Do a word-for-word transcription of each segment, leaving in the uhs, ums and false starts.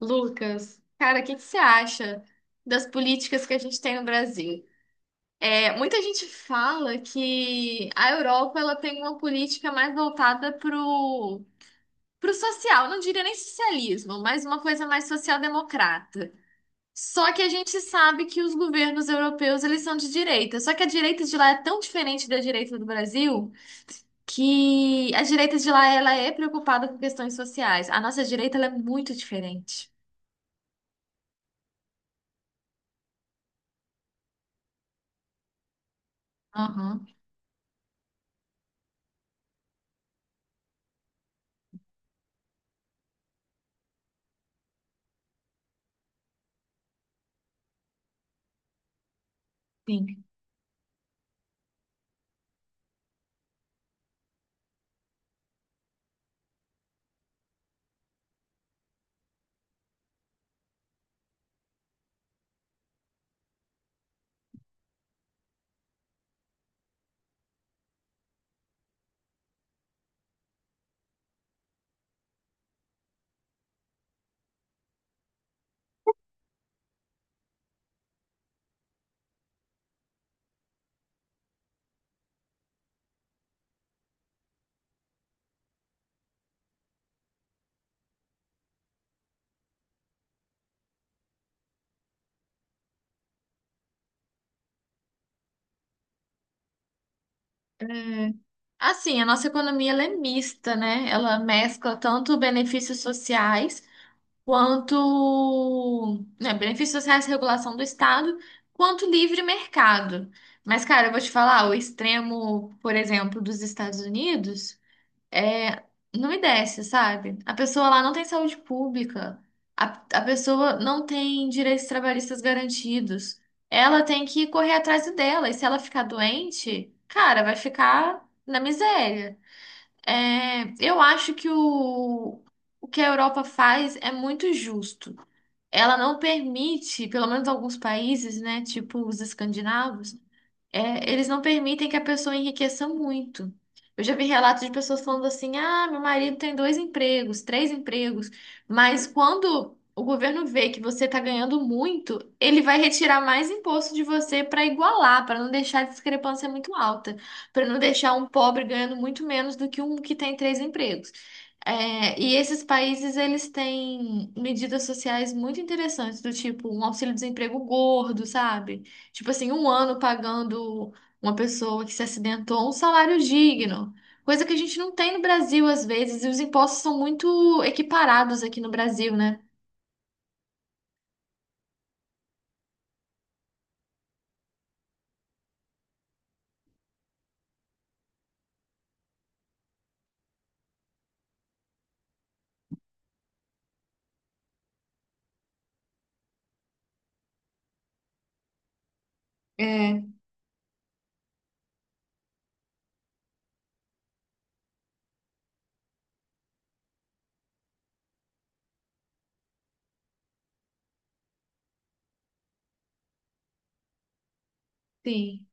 Lucas, cara, o que que você acha das políticas que a gente tem no Brasil? É, muita gente fala que a Europa ela tem uma política mais voltada pro, pro social, não diria nem socialismo, mas uma coisa mais social-democrata. Só que a gente sabe que os governos europeus eles são de direita. Só que a direita de lá é tão diferente da direita do Brasil que a direita de lá ela é preocupada com questões sociais. A nossa direita ela é muito diferente. Aham, sim. Assim, a nossa economia ela é mista, né? Ela mescla tanto benefícios sociais quanto, né, benefícios sociais, regulação do Estado, quanto livre mercado. Mas, cara, eu vou te falar, o extremo, por exemplo, dos Estados Unidos é, não me desce, sabe? A pessoa lá não tem saúde pública, a, a pessoa não tem direitos trabalhistas garantidos. Ela tem que correr atrás do dela, e se ela ficar doente, cara, vai ficar na miséria. É, eu acho que o, o que a Europa faz é muito justo. Ela não permite, pelo menos alguns países, né, tipo os escandinavos, é, eles não permitem que a pessoa enriqueça muito. Eu já vi relatos de pessoas falando assim: ah, meu marido tem dois empregos, três empregos, mas quando o governo vê que você está ganhando muito, ele vai retirar mais imposto de você para igualar, para não deixar a discrepância muito alta, para não deixar um pobre ganhando muito menos do que um que tem três empregos. É, e esses países, eles têm medidas sociais muito interessantes, do tipo um auxílio-desemprego gordo, sabe? Tipo assim, um ano pagando uma pessoa que se acidentou um salário digno. Coisa que a gente não tem no Brasil às vezes, e os impostos são muito equiparados aqui no Brasil, né? É, sim.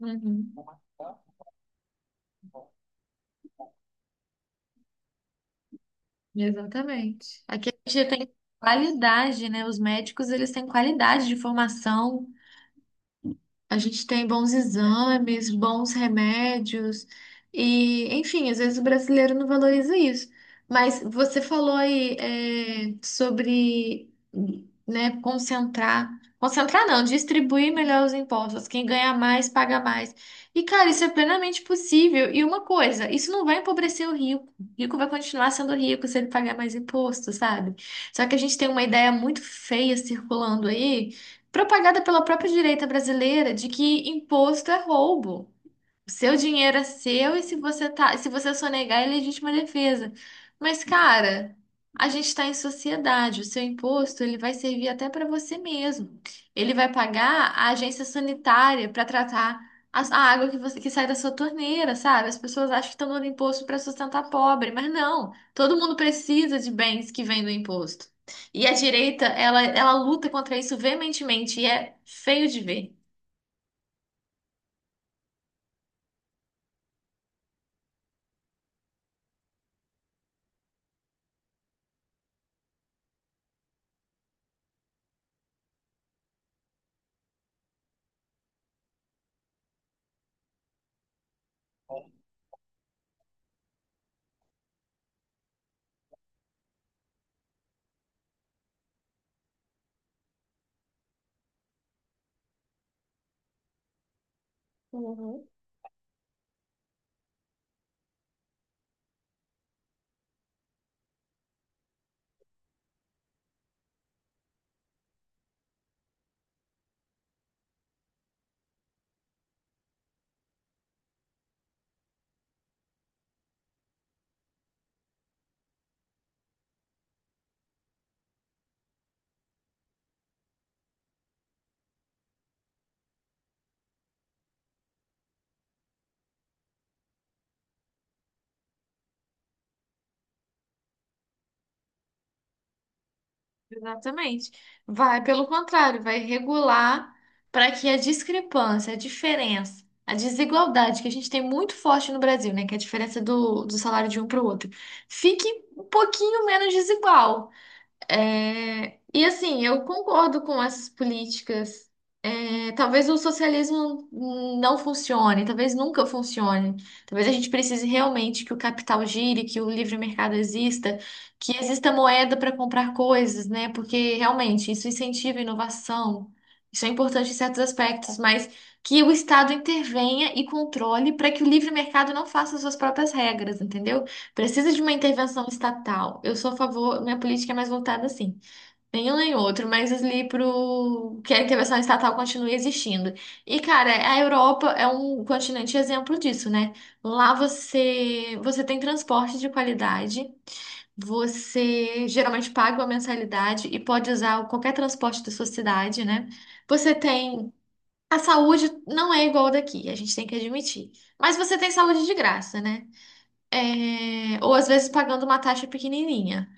Uhum. Exatamente. Aqui a gente tem qualidade, né? Os médicos, eles têm qualidade de formação. A gente tem bons exames, bons remédios e, enfim, às vezes o brasileiro não valoriza isso. Mas você falou aí, é, sobre, né, concentrar, concentrar não, distribuir melhor os impostos. Quem ganha mais, paga mais. E, cara, isso é plenamente possível. E uma coisa, isso não vai empobrecer o rico. O rico vai continuar sendo rico se ele pagar mais imposto, sabe? Só que a gente tem uma ideia muito feia circulando aí propagada pela própria direita brasileira de que imposto é roubo. O seu dinheiro é seu e se você tá, se você sonegar, é legítima defesa. Mas, cara, a gente está em sociedade, o seu imposto ele vai servir até para você mesmo. Ele vai pagar a agência sanitária para tratar a, a água que você que sai da sua torneira, sabe? As pessoas acham que estão dando imposto para sustentar pobre, mas não. Todo mundo precisa de bens que vêm do imposto. E a direita, ela, ela luta contra isso veementemente e é feio de ver. Uhum. Exatamente. Vai, pelo contrário, vai regular para que a discrepância, a diferença, a desigualdade que a gente tem muito forte no Brasil, né, que é a diferença do, do salário de um para o outro, fique um pouquinho menos desigual. É, e assim, eu concordo com essas políticas. É, talvez o socialismo não funcione, talvez nunca funcione. Talvez a gente precise realmente que o capital gire, que o livre mercado exista, que exista moeda para comprar coisas, né? Porque realmente isso incentiva a inovação. Isso é importante em certos aspectos, mas que o Estado intervenha e controle para que o livre mercado não faça suas próprias regras, entendeu? Precisa de uma intervenção estatal. Eu sou a favor, minha política é mais voltada assim. Nenhum nem outro, mas ali pro que a intervenção estatal continue existindo. E, cara, a Europa é um continente exemplo disso, né? Lá você, você tem transporte de qualidade, você geralmente paga uma mensalidade e pode usar qualquer transporte da sua cidade, né? Você tem. A saúde não é igual daqui, a gente tem que admitir. Mas você tem saúde de graça, né? É, ou às vezes pagando uma taxa pequenininha.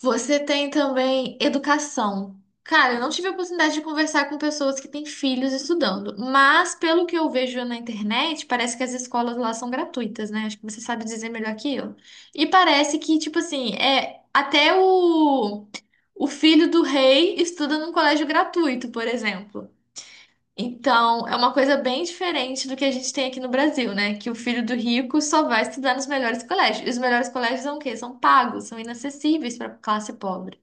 Você tem também educação. Cara, eu não tive a oportunidade de conversar com pessoas que têm filhos estudando, mas pelo que eu vejo na internet, parece que as escolas lá são gratuitas, né? Acho que você sabe dizer melhor que eu. E parece que, tipo assim, é até o, o filho do rei estuda num colégio gratuito, por exemplo. Então, é uma coisa bem diferente do que a gente tem aqui no Brasil, né? Que o filho do rico só vai estudar nos melhores colégios. E os melhores colégios são o quê? São pagos, são inacessíveis para a classe pobre.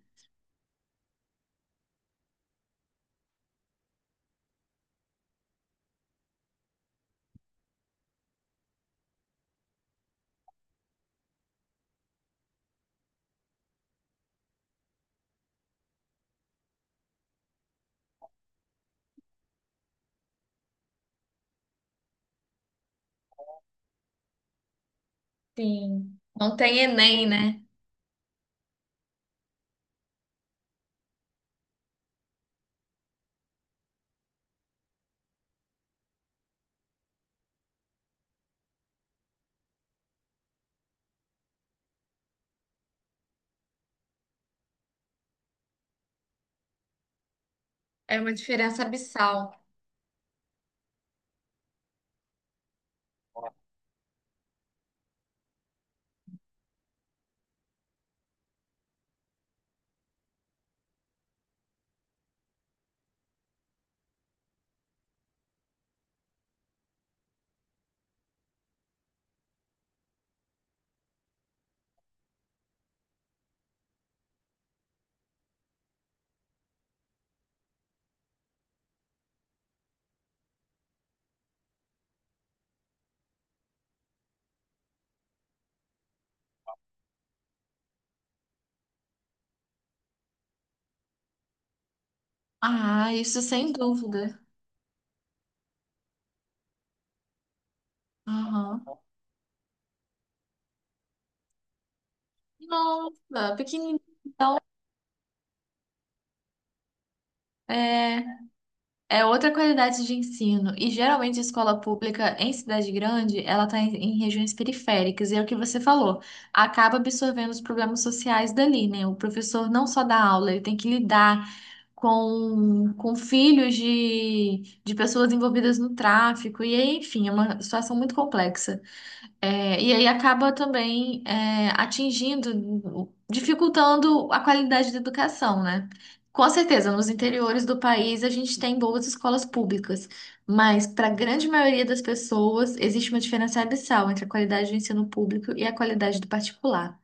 Sim. Não tem Enem, né? É uma diferença abissal. Ah, isso sem dúvida. Aham. Nossa, pequenininho. Então, é. É outra qualidade de ensino. E geralmente a escola pública em cidade grande, ela está em, em regiões periféricas. E é o que você falou, acaba absorvendo os problemas sociais dali, né? O professor não só dá aula, ele tem que lidar com, com filhos de, de pessoas envolvidas no tráfico. E aí, enfim, é uma situação muito complexa. É, e aí acaba também é, atingindo, dificultando a qualidade da educação, né? Com certeza, nos interiores do país a gente tem boas escolas públicas, mas para a grande maioria das pessoas existe uma diferença abissal entre a qualidade do ensino público e a qualidade do particular.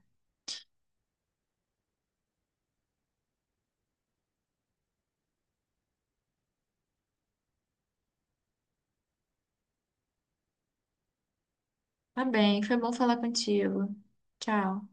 Tá bem, foi bom falar contigo. Tchau.